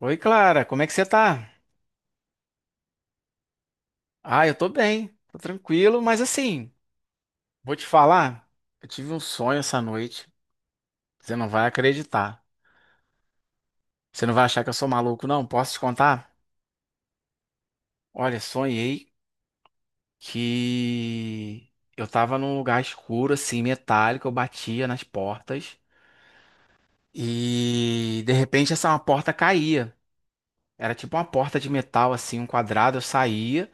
Oi, Clara, como é que você tá? Ah, eu tô bem, tô tranquilo, mas assim, vou te falar, eu tive um sonho essa noite, você não vai acreditar. Você não vai achar que eu sou maluco, não? Posso te contar? Olha, sonhei que eu tava num lugar escuro, assim, metálico, eu batia nas portas e de repente essa uma porta caía. Era tipo uma porta de metal, assim, um quadrado, eu saía.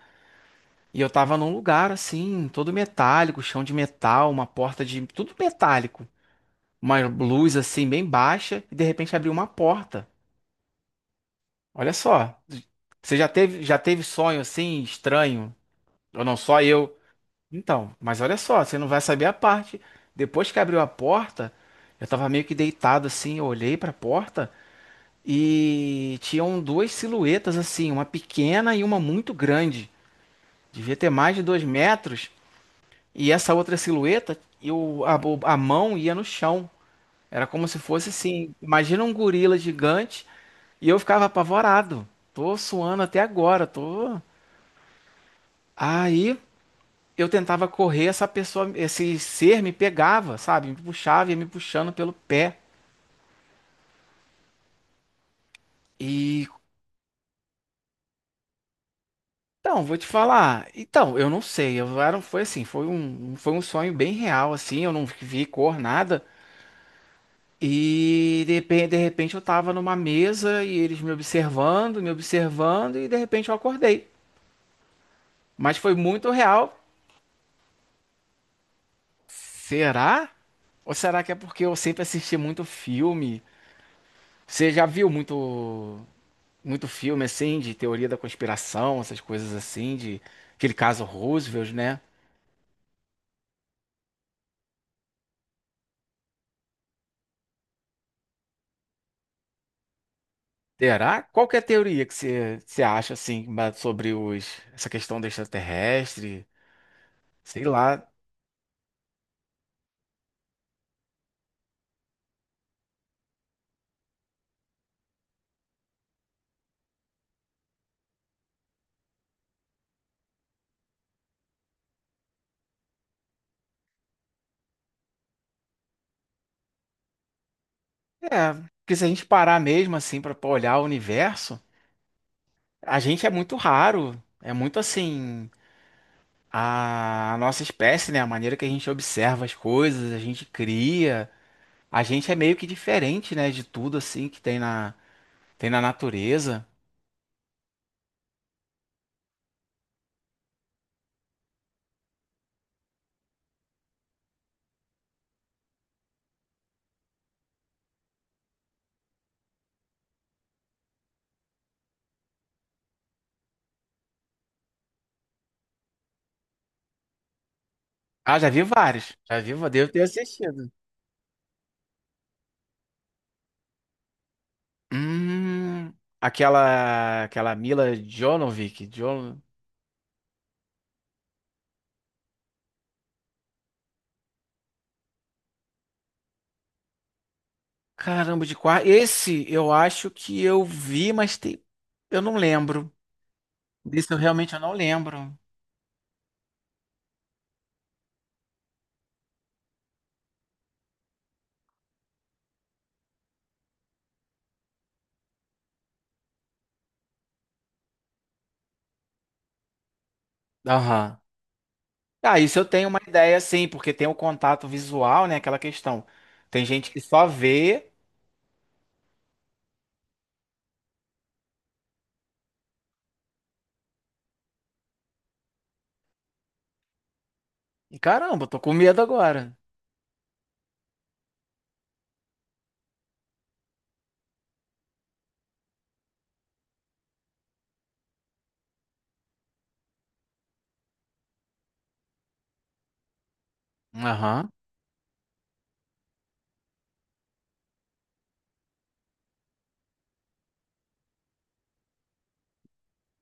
E eu tava num lugar assim, todo metálico, chão de metal, uma porta de tudo metálico. Uma luz assim bem baixa e de repente abriu uma porta. Olha só, você já teve sonho assim estranho? Ou não só eu? Então, mas olha só, você não vai saber a parte. Depois que abriu a porta, eu tava meio que deitado assim, eu olhei pra porta e tinham duas silhuetas assim, uma pequena e uma muito grande. Devia ter mais de 2 metros. E essa outra silhueta, eu, a mão ia no chão. Era como se fosse assim, imagina um gorila gigante. E eu ficava apavorado. Tô suando até agora, tô. Aí eu tentava correr, essa pessoa, esse ser me pegava, sabe? Me puxava, ia me puxando pelo pé. E então, vou te falar. Então, eu não sei. Eu era, foi assim, foi um sonho bem real, assim. Eu não vi cor, nada. E de repente eu tava numa mesa e eles me observando, e de repente eu acordei. Mas foi muito real. Será? Ou será que é porque eu sempre assisti muito filme. Você já viu muito muito filme assim de teoria da conspiração, essas coisas assim, de aquele caso Roosevelt, né? Terá? Qual que é a teoria que você acha assim sobre os essa questão do extraterrestre? Sei lá. É, porque se a gente parar mesmo assim para olhar o universo, a gente é muito raro, é muito assim a nossa espécie, né? A maneira que a gente observa as coisas, a gente cria, a gente é meio que diferente, né, de tudo assim que tem na Tem na natureza? Ah, já vi vários. Já vi, devo ter assistido. Hum, aquela Mila Jovovich. Caramba, de qual? Esse eu acho que eu vi, mas tem. Eu não lembro. Desse eu realmente eu não lembro. Aham. Ah, isso eu tenho uma ideia, sim, porque tem o contato visual, né? Aquela questão. Tem gente que só vê. E, Caramba, eu tô com medo agora. Aham.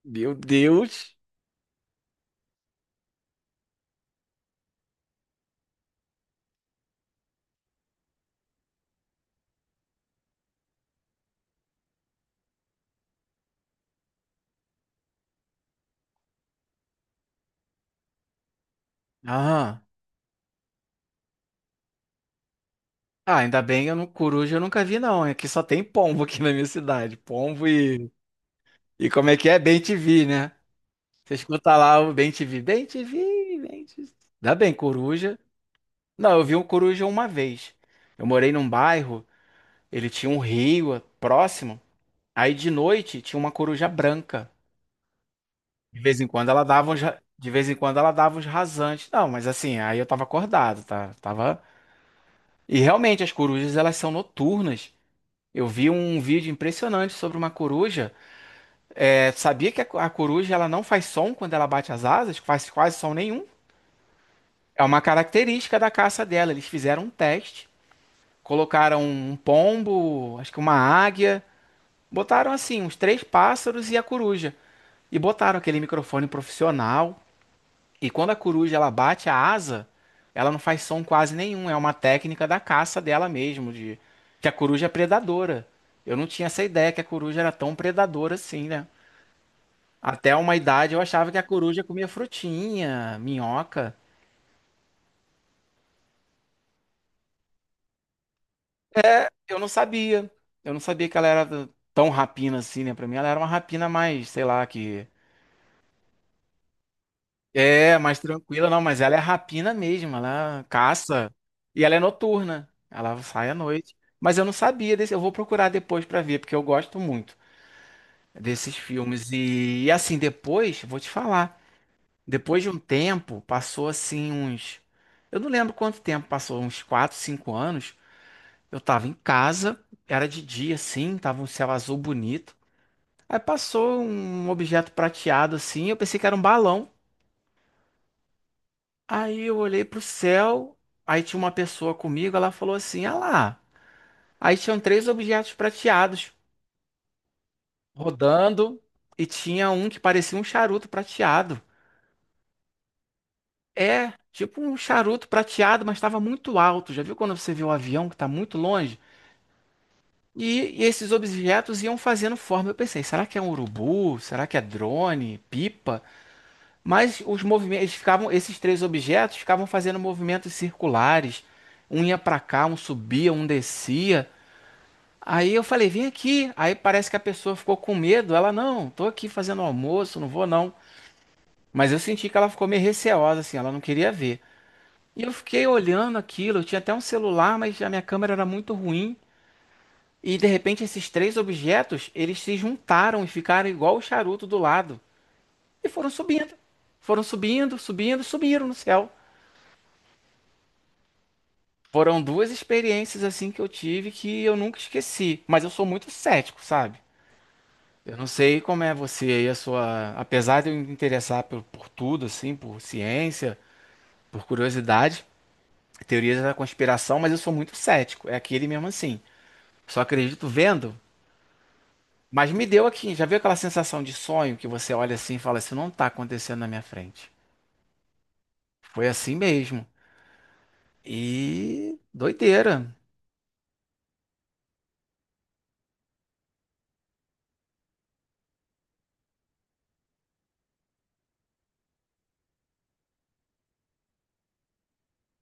Meu Deus. Aham. Ah, ainda bem, eu não, coruja eu nunca vi, não. É que só tem pombo aqui na minha cidade. Pombo e. E como é que é? Bem te vi, né? Você escuta lá o Bem te vi. Bem te vi, bem te vi. Ainda bem, coruja. Não, eu vi um coruja uma vez. Eu morei num bairro, ele tinha um rio próximo. Aí de noite tinha uma coruja branca. De vez em quando ela dava uns. De vez em quando ela dava uns rasantes. Não, mas assim, aí eu tava acordado, tá? Tava. E realmente as corujas elas são noturnas. Eu vi um vídeo impressionante sobre uma coruja. É, sabia que a coruja ela não faz som quando ela bate as asas? Faz quase som nenhum. É uma característica da caça dela. Eles fizeram um teste, colocaram um pombo, acho que uma águia, botaram assim uns três pássaros e a coruja e botaram aquele microfone profissional. E quando a coruja ela bate a asa, ela não faz som quase nenhum. É uma técnica da caça dela mesmo, de que a coruja é predadora. Eu não tinha essa ideia que a coruja era tão predadora assim, né? Até uma idade eu achava que a coruja comia frutinha, minhoca. Eu não sabia. Eu não sabia que ela era tão rapina assim, né? Pra mim ela era uma rapina mais, sei lá, que. É, mais tranquila, não, mas ela é rapina mesmo, ela caça. E ela é noturna. Ela sai à noite. Mas eu não sabia desse. Eu vou procurar depois pra ver, porque eu gosto muito desses filmes. E assim, depois, vou te falar. Depois de um tempo, passou assim uns. Eu não lembro quanto tempo passou, uns 4, 5 anos. Eu tava em casa, era de dia assim, tava um céu azul bonito. Aí passou um objeto prateado assim, eu pensei que era um balão. Aí eu olhei pro céu, aí tinha uma pessoa comigo, ela falou assim: "Ah lá". Aí tinham três objetos prateados rodando e tinha um que parecia um charuto prateado. É, tipo um charuto prateado, mas estava muito alto. Já viu quando você vê o avião que tá muito longe? E esses objetos iam fazendo forma. Eu pensei, será que é um urubu? Será que é drone? Pipa? Mas os movimentos eles ficavam, esses três objetos ficavam fazendo movimentos circulares. Um ia para cá, um subia, um descia. Aí eu falei, vem aqui. Aí parece que a pessoa ficou com medo. Ela, não, tô aqui fazendo almoço, não vou não. Mas eu senti que ela ficou meio receosa, assim, ela não queria ver. E eu fiquei olhando aquilo. Eu tinha até um celular, mas a minha câmera era muito ruim. E de repente esses três objetos, eles se juntaram e ficaram igual o charuto do lado. E foram subindo. Foram subindo, subindo, subiram no céu. Foram duas experiências assim que eu tive que eu nunca esqueci. Mas eu sou muito cético, sabe? Eu não sei como é você aí, a sua. Apesar de eu me interessar por tudo, assim, por ciência, por curiosidade, teorias da conspiração, mas eu sou muito cético. É aquele mesmo assim. Só acredito vendo. Mas me deu aqui, já viu aquela sensação de sonho que você olha assim e fala, isso não tá acontecendo na minha frente. Foi assim mesmo. E doideira.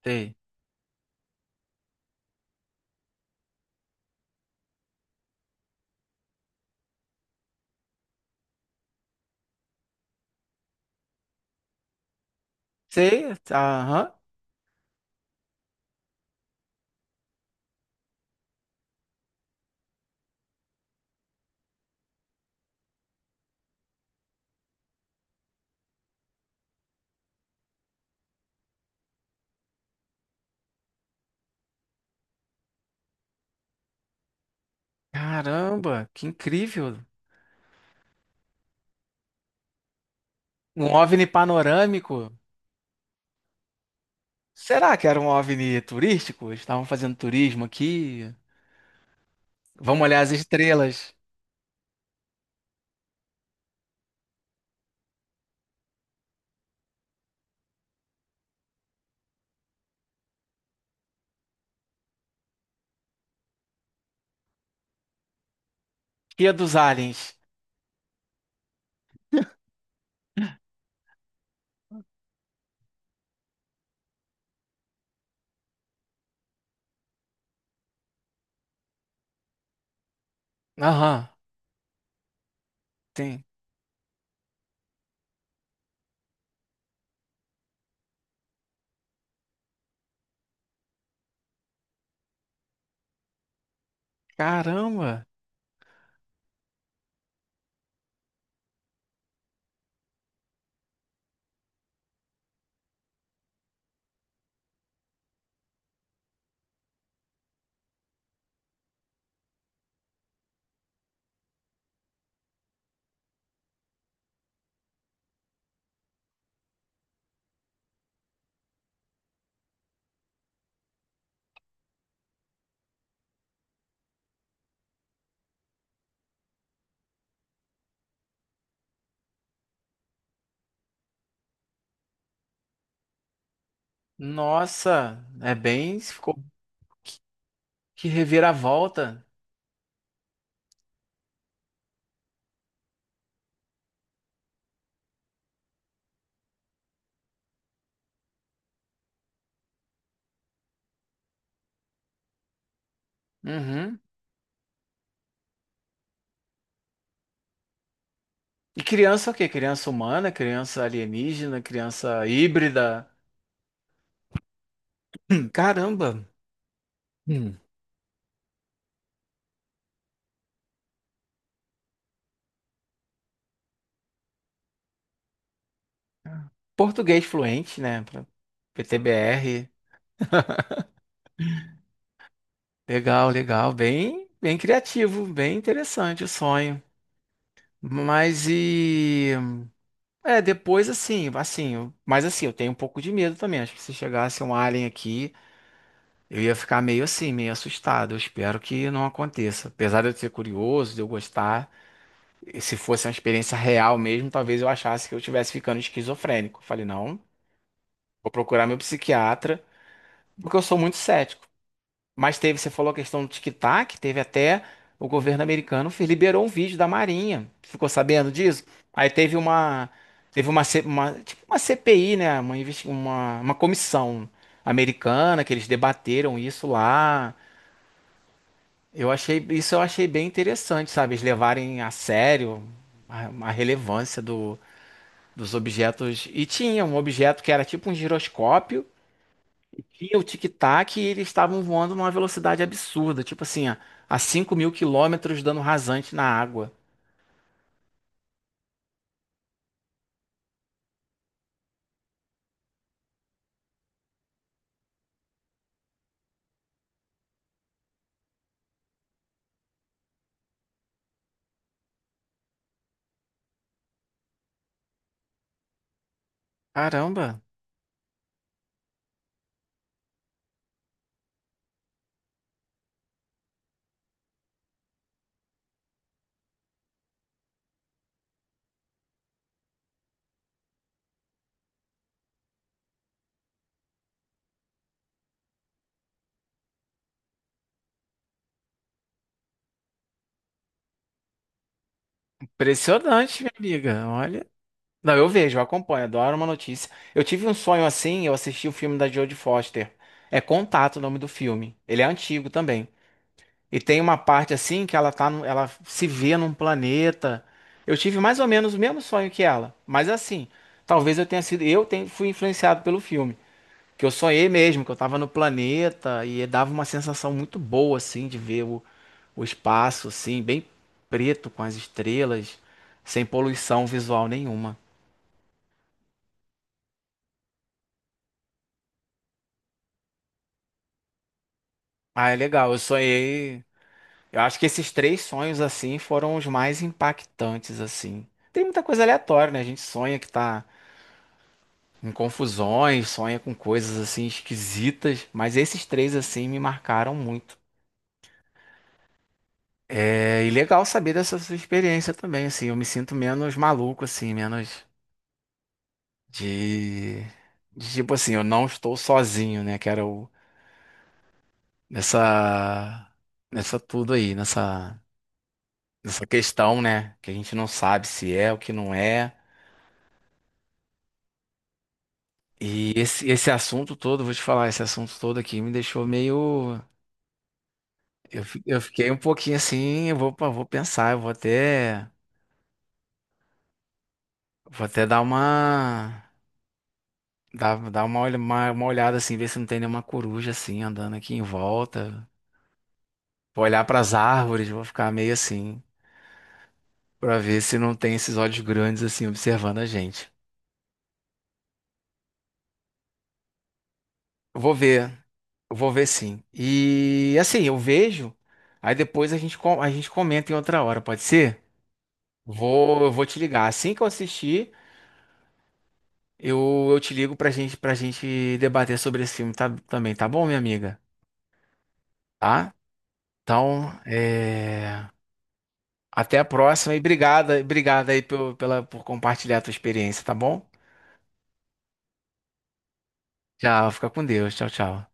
Sei. Sei, tá, aham. Caramba, que incrível. Um OVNI panorâmico. Será que era um OVNI turístico? Estavam fazendo turismo aqui. Vamos olhar as estrelas. Guia dos aliens. Aham, tem. Caramba. Nossa, é bem, ficou que reviravolta. Uhum. E criança o quê? Criança humana, criança alienígena, criança híbrida. Caramba! Hum. Português fluente, né? PTBR. Legal, legal. Bem, bem criativo, bem interessante o sonho. Mas e. É, depois assim, assim, mas assim, eu tenho um pouco de medo também. Acho que se chegasse um alien aqui, eu ia ficar meio assim, meio assustado. Eu espero que não aconteça. Apesar de eu ser curioso, de eu gostar. Se fosse uma experiência real mesmo, talvez eu achasse que eu estivesse ficando esquizofrênico. Falei, não, vou procurar meu psiquiatra, porque eu sou muito cético. Mas teve, você falou a questão do tic-tac, teve até o governo americano liberou um vídeo da Marinha. Ficou sabendo disso? Aí teve uma tipo uma CPI, né, uma, uma comissão americana que eles debateram isso lá. Eu achei bem interessante, sabe? Eles levarem a sério a relevância do dos objetos. E tinha um objeto que era tipo um giroscópio, e o tic-tac, e eles estavam voando numa velocidade absurda, tipo assim, a 5 mil quilômetros dando rasante na água. Caramba, impressionante, minha amiga. Olha. Não, eu vejo, eu acompanho, adoro uma notícia. Eu tive um sonho assim, eu assisti o filme da Jodie Foster. É Contato o nome do filme. Ele é antigo também. E tem uma parte assim que ela tá, ela se vê num planeta. Eu tive mais ou menos o mesmo sonho que ela, mas assim, talvez eu tenha sido, eu tenha, fui influenciado pelo filme, que eu sonhei mesmo, que eu tava no planeta e dava uma sensação muito boa assim de ver o espaço assim, bem preto com as estrelas, sem poluição visual nenhuma. Ah, é legal. Eu sonhei. Eu acho que esses três sonhos assim foram os mais impactantes assim. Tem muita coisa aleatória, né? A gente sonha que tá em confusões, sonha com coisas assim esquisitas, mas esses três assim me marcaram muito. É, e legal saber dessa sua experiência também, assim, eu me sinto menos maluco assim, menos de, de tipo assim, eu não estou sozinho, né, que era o nessa nessa tudo aí, nessa questão, né, que a gente não sabe se é o que não é. E esse assunto todo, vou te falar, esse assunto todo aqui me deixou meio. Eu fiquei um pouquinho assim, vou pensar, eu vou até dar uma, dar, dar uma, olha- uma olhada assim, ver se não tem nenhuma coruja assim andando aqui em volta. Vou olhar para as árvores, vou ficar meio assim, para ver se não tem esses olhos grandes assim observando a gente. Vou ver, eu vou ver sim. E assim, eu vejo, aí depois a gente comenta em outra hora, pode ser? Vou, eu vou te ligar assim que eu assistir. Eu te ligo pra gente debater sobre esse filme também, tá bom, minha amiga? Tá? Então, é, até a próxima e obrigada, obrigada aí por compartilhar a tua experiência, tá bom? Tchau, fica com Deus. Tchau, tchau.